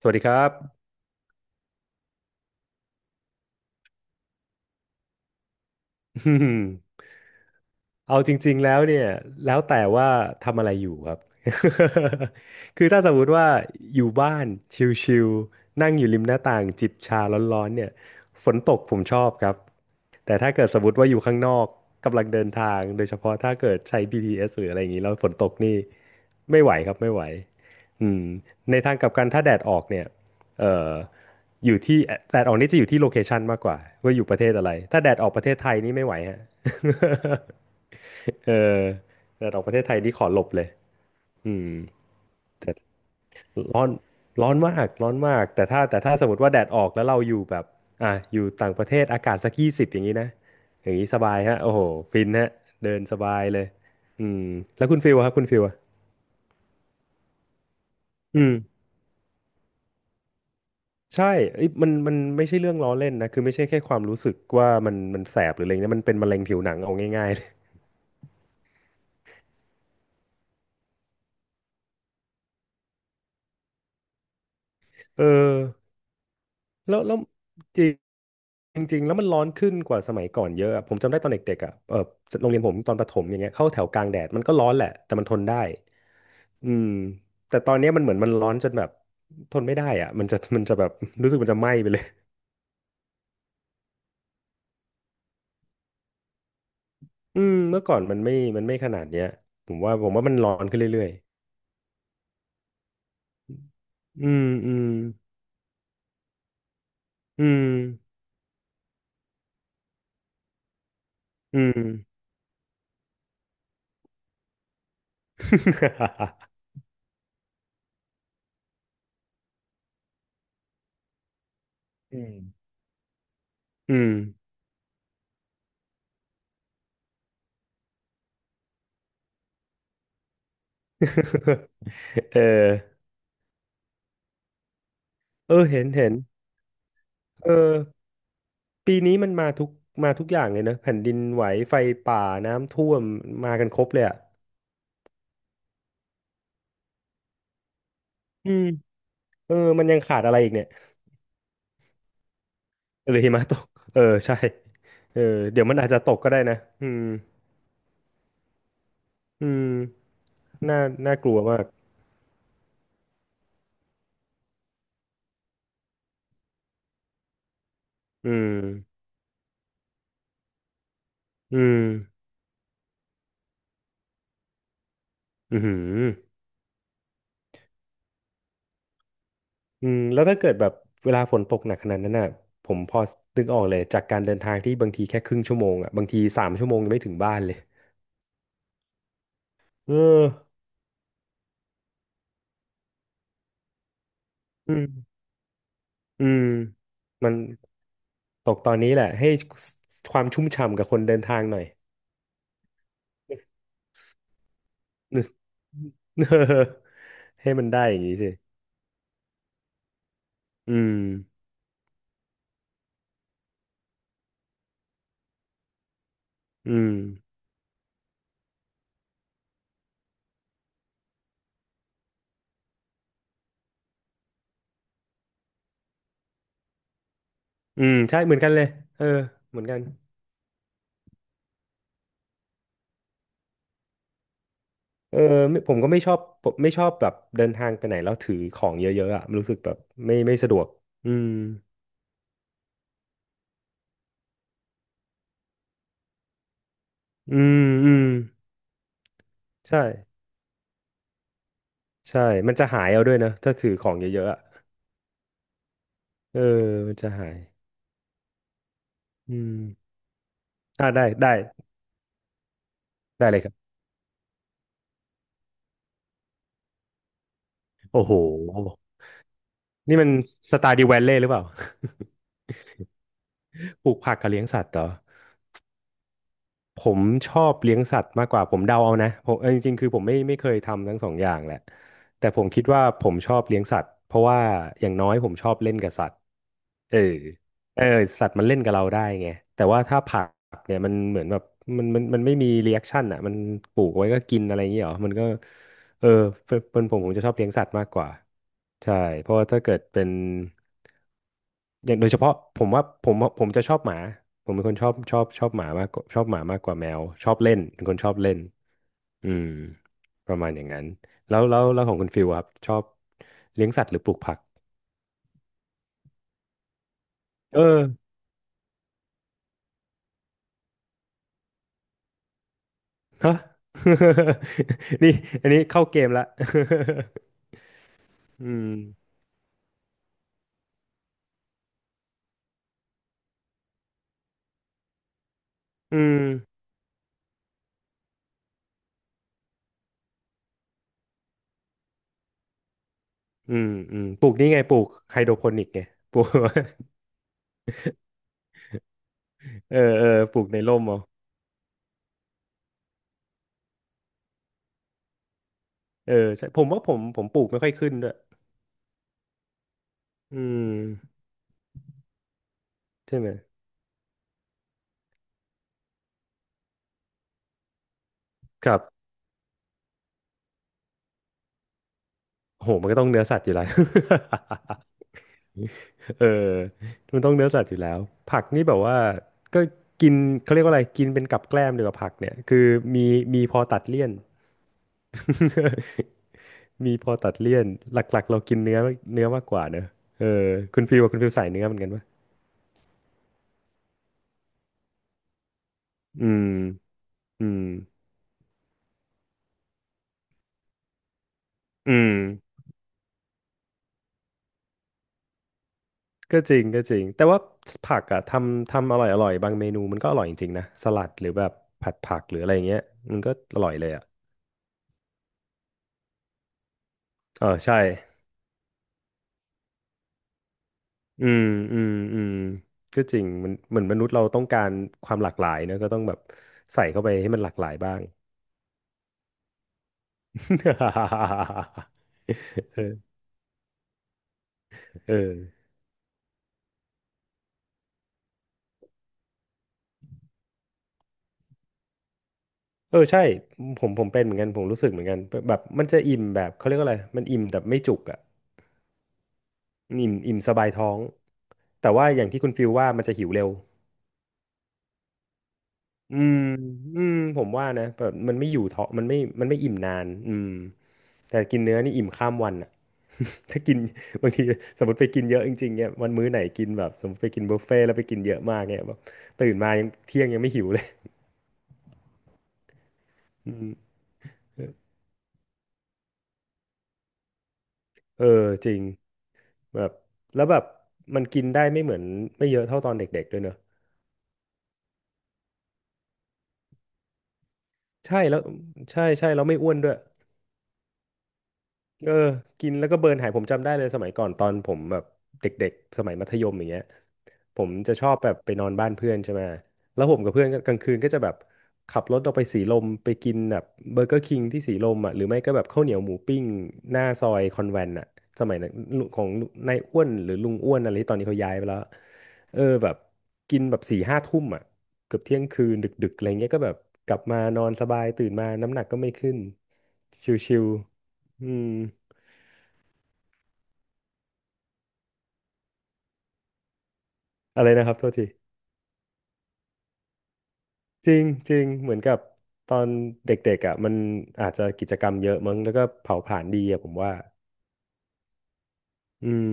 สวัสดีครับ เอาจริงๆแล้วเนี่ยแล้วแต่ว่าทำอะไรอยู่ครับ คือถ้าสมมุติว่าอยู่บ้านชิลๆนั่งอยู่ริมหน้าต่างจิบชาร้อนๆเนี่ยฝนตกผมชอบครับแต่ถ้าเกิดสมมติว่าอยู่ข้างนอกกำลังเดินทางโดยเฉพาะถ้าเกิดใช้ BTS หรืออะไรอย่างนี้แล้วฝนตกนี่ไม่ไหวครับไม่ไหวอืมในทางกลับกันถ้าแดดออกเนี่ยเอ่ออยู่ที่แดดออกนี่จะอยู่ที่โลเคชันมากกว่าว่าอยู่ประเทศอะไรถ้าแดดออกประเทศไทยนี่ไม่ไหวฮะ เออแต่ดอกประเทศไทยนี่ขอหลบเลยอืมแต่ร้อนร้อนมากร้อนมากแต่ถ้าสมมติว่าแดดออกแล้วเราอยู่แบบอ่ะอยู่ต่างประเทศอากาศสักยี่สิบอย่างนี้นะอย่างนี้สบายฮะโอ้โหฟินฮะเดินสบายเลยอืมแล้วคุณฟิลอะครับคุณฟิลอะอืมใช่เอ้ยมันไม่ใช่เรื่องล้อเล่นนะคือไม่ใช่แค่ความรู้สึกว่ามันแสบหรืออะไรเงี้ยมันเป็นมะเร็งผิวหนังเอาง่ายๆเลยเออ แล้วจริงจริงๆแล้วมันร้อนขึ้นกว่าสมัยก่อนเยอะอะผมจำได้ตอนเด็กๆอ่ะเออโรงเรียนผมตอนประถมอย่างเงี้ยเข้าแถวกลางแดดมันก็ร้อนแหละแต่มันทนได้อืมแต่ตอนเนี้ยมันเหมือนมันร้อนจนแบบทนไม่ได้อ่ะมันจะ มันจะแบบ รู้สึกมันจะไหม้ไปเลย อืมเมื่อก่อนมันไม่มันไม่ขนาดเนี้ยผมว่ามันร้อนขึ้นเรื่อยๆอืมอืมอืมอืม อืม อืม เออเออเห็นเห็นเออ ปีนี้มันมาทุกมาทุกอย่างเลยนะแผ่นดินไหวไฟป่าน้ำท่วมมากันครบเลยอ่ะอืมเออมันยังขาดอะไรอีกเนี่ยหรือหิมะตกเออใช่เออเดี๋ยวมันอาจจะตกก็ได้นะอืมอืมน่าน่ากลัวมากอืมอืมอืมออืมแล้วถ้าเกิดแบบเวลาฝนตกหนักขนาดนั้นน่ะผมพอนึกออกเลยจากการเดินทางที่บางทีแค่ครึ่งชั่วโมงอ่ะบางทีสามชั่วโมงยังไม่ถึงบ้านเลยเอออืมอืมมัน ตกตอนนี้แหละให้ความชุ่มฉ่ำกับคนเดินทางหน่อย เออให้มันได้อย่างนี้สิอืมอืมอืมใช่เหมือนกันเลยเออเหมือนกันเออไม่ผมก็ไม่ชอบผมไม่ชอบแบบเดินทางไปไหนแล้วถือของเยอะๆอ่ะมันรู้สึกแบบไม่สะดวกอืมอืมอืมใช่ใช่มันจะหายเอาด้วยนะถ้าถือของเยอะๆอ่ะเออมันจะหายอืมอ่าได้ได้ได้เลยครับโอ้โหนี่มันสตาร์ดิวแวลเลย์หรือเปล่า ปลูกผักกับเลี้ยงสัตว์เหรอผมชอบเลี้ยงสัตว์มากกว่าผมเดาเอานะผมเออจริงๆคือผมไม่เคยทำทั้งสองอย่างแหละแต่ผมคิดว่าผมชอบเลี้ยงสัตว์เพราะว่าอย่างน้อยผมชอบเล่นกับสัตว์ เออเออสัตว์มันเล่นกับเราได้ไงแต่ว่าถ้าผักเนี่ยมันเหมือนแบบมันไม่มีรีแอคชั่นอ่ะมันปลูกไว้ก็กินอะไรอย่างเงี้ยเหรอมันก็เออเป็นผมผมจะชอบเลี้ยงสัตว์มากกว่าใช่เพราะว่าถ้าเกิดเป็นอย่างโดยเฉพาะผมว่าผมจะชอบหมาผมเป็นคนชอบชอบหมามากกว่าชอบหมามากกว่าแมวชอบเล่นเป็นคนชอบเล่นอืมประมาณอย่างนั้นแล้วของคุณฟิลอะครับชอบเลี้ยงสัตว์หรือปลูกผักเออ ฮะ นี่อันนี้เข้าเกมละ อืมอืมอืมอืมปลูกนี่ไงปลูกไฮโดรโปนิกไง ปลูก เออเออปลูกในร่มเอาเออใช่ผมว่าผมปลูกไม่ค่อยขึ้นด้วยอืมใช่ไหมครับโหมันก็ต้องเนื้อสัตว์อยู่แล้ว เออมันต้องเนื้อสัตว์อยู่แล้ว ผักนี่แบบว่าก็กินเขาเรียกว่าอะไรกินเป็นกับแกล้มดีกว่าผักเนี่ยคือมีมีพอตัดเลี่ยน มีพอตัดเลี่ยนหลักๆเรากินเนื้อเนื้อมากกว่าเนอะเออคุณฟิวอะคุณฟิวสายเนื้อเหมือนกันปะอืมอืมอืมก็จริงก็จริงแต่ว่าผักอะทำทำอร่อยอร่อยบางเมนูมันก็อร่อยจริงๆนะสลัดหรือแบบผัดผักหรืออะไรอย่างเงี้ยมันก็อร่อยเลยอะเออใช่อืมอืมอืมก็จริงมันเหมือนมนุษย์เราต้องการความหลากหลายนะก็ต้องแบบใส่เข้าไปให้มันหลากหลายบ้าง เออเออ เออใช่ผมเป็นเหมือนกันผมรู้สึกเหมือนกันแบบมันจะอิ่มแบบเขาเรียกว่าอะไรมันอิ่มแบบไม่จุกอ่ะอิ่มสบายท้องแต่ว่าอย่างที่คุณฟิลว่ามันจะหิวเร็วอืมอืมผมว่านะแบบมันไม่อยู่ท้องมันไม่อิ่มนานอืมแต่กินเนื้อนี่อิ่มข้ามวันอ่ะ ถ้ากินบางทีสมมติไปกินเยอะจริงๆเนี่ยวันมื้อไหนกินแบบสมมติไปกินบุฟเฟ่ต์แล้วไปกินเยอะมากเนี่ยแบบตื่นมายังเที่ยงยังไม่หิวเลยอืมเออจริง แบบแล้วแบบมันกินได้ไม่เหมือนไม่เยอะเท่าตอนเด็กๆด้วยเนอะใช่แล้วใช่ใช่แล้วไม่อ้วนด้วย เออกินแล้วก็เบิร์นหายผมจำได้เลยสมัยก่อนตอนผมแบบเด็กๆสมัยมัธยมอย่างเงี้ยผมจะชอบแบบไปนอนบ้านเพื่อนใช่ไหมแล้วผมกับเพื่อนก็กลางคืนก็จะแบบขับรถออกไปสีลมไปกินแบบเบอร์เกอร์คิงที่สีลมอ่ะหรือไม่ก็แบบข้าวเหนียวหมูปิ้งหน้าซอยคอนแวนต์อ่ะสมัยนั้นลุงของนายอ้วนหรือลุงอ้วนอะไรที่ตอนนี้เขาย้ายไปแล้วเออแบบกินแบบสี่ห้าทุ่มอ่ะเกือบเที่ยงคืนดึกๆอะไรเงี้ยก็แบบกลับมานอนสบายตื่นมาน้ำหนักก็ไม่ขึ้นชิวๆอืม อะไรนะครับโทษทีจริงจริงเหมือนกับตอนเด็กๆอ่ะมันอาจจะกิจกรรมเยอะมั้งแล้วก็เผาผลาญดีอ่ะผมว่าอืม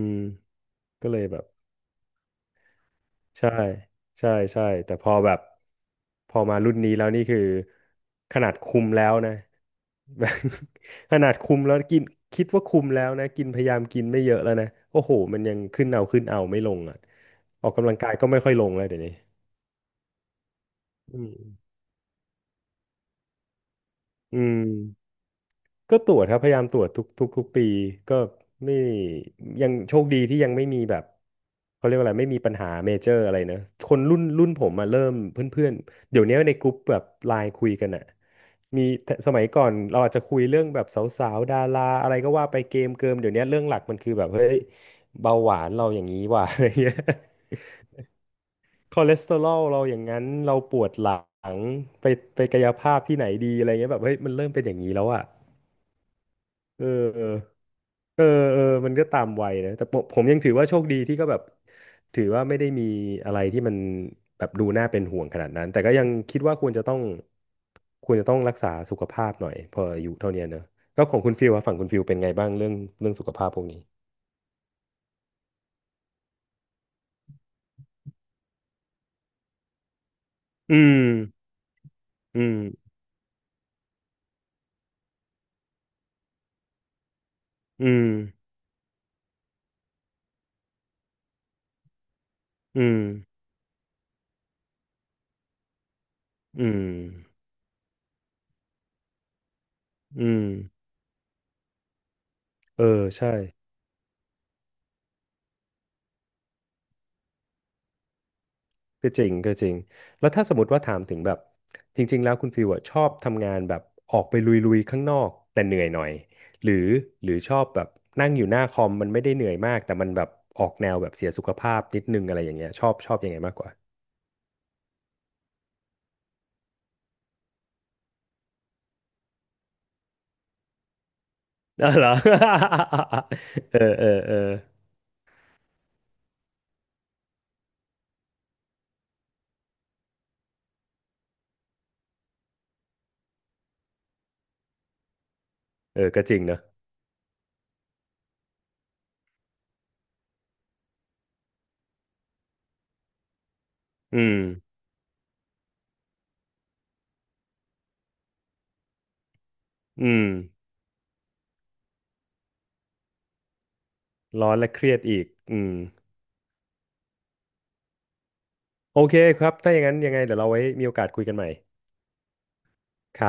ก็เลยแบบใช่ใช่ใช่แต่พอแบบพอมารุ่นนี้แล้วนี่คือขนาดคุมแล้วนะ ขนาดคุมแล้วกินคิดว่าคุมแล้วนะกินพยายามกินไม่เยอะแล้วนะโอ้โหมันยังขึ้นเอาขึ้นเอาไม่ลงอ่ะออกกำลังกายก็ไม่ค่อยลงแล้วเดี๋ยวนี้อืมอืม ก็ตรวจครับพยายามตรวจทุกปีก็ไม่ยังโชคดีที่ยังไม่มีแบบเขาเรียกว่าอะไรไม่มีปัญหาเมเจอร์อะไรนะคนรุ่นผมมาเริ่มเพื่อนๆเดี๋ยวนี้ในกลุ่มแบบไลน์คุยกันอะมีสมัยก่อนเราอาจจะคุยเรื่องแบบสาวๆดาราอะไรก็ว่าไปเกมเกิมเดี๋ยวนี้เรื่องหลักมันคือแบบเฮ้ยเบาหวานเราอย่างนี้ว่ะ อะไรเงี้ยคอเลสเตอรอลเราอย่างนั้นเราปวดหลังไปไปกายภาพที่ไหนดีอะไรเงี้ยแบบเฮ้ยมันเริ่มเป็นอย่างนี้แล้วอะเออ เออเออมันก็ตามวัยนะแต่ผมยังถือว่าโชคดีที่ก็แบบถือว่าไม่ได้มีอะไรที่มันแบบดูน่าเป็นห่วงขนาดนั้นแต่ก็ยังคิดว่าควรจะต้องรักษาสุขภาพหน่อยพออายุเท่าเนี้ยเนอะก็ของคุณฟิลว่าฝั่งคุณฟิลเป็นไงบ้างเรื่องสุขภาพพวกนี้อืมอืมอืมอืมอืมอืมเออใช่ ก็จริงก็จริงแล้วถ้าสมมติว่าถามถึงแบบจริงๆแล้วคุณฟิวอะชอบทำงานแบบออกไปลุยๆข้างนอกแต่เหนื่อยหน่อยหรือหรือชอบแบบนั่งอยู่หน้าคอมมันไม่ได้เหนื่อยมากแต่มันแบบออกแนวแบบเสียสุขภาพนิดนึงอะไรอย่างเงี้ยชอบยังไงมากกว่าอ๋อเหรอ เออเออเออเออก็จริงเนอะอืมอืมร้อนและเครียดอีกอืมโอเคครับถ้าอย่างนั้นยังไงเดี๋ยวเราไว้มีโอกาสคุยกันใหม่ครับ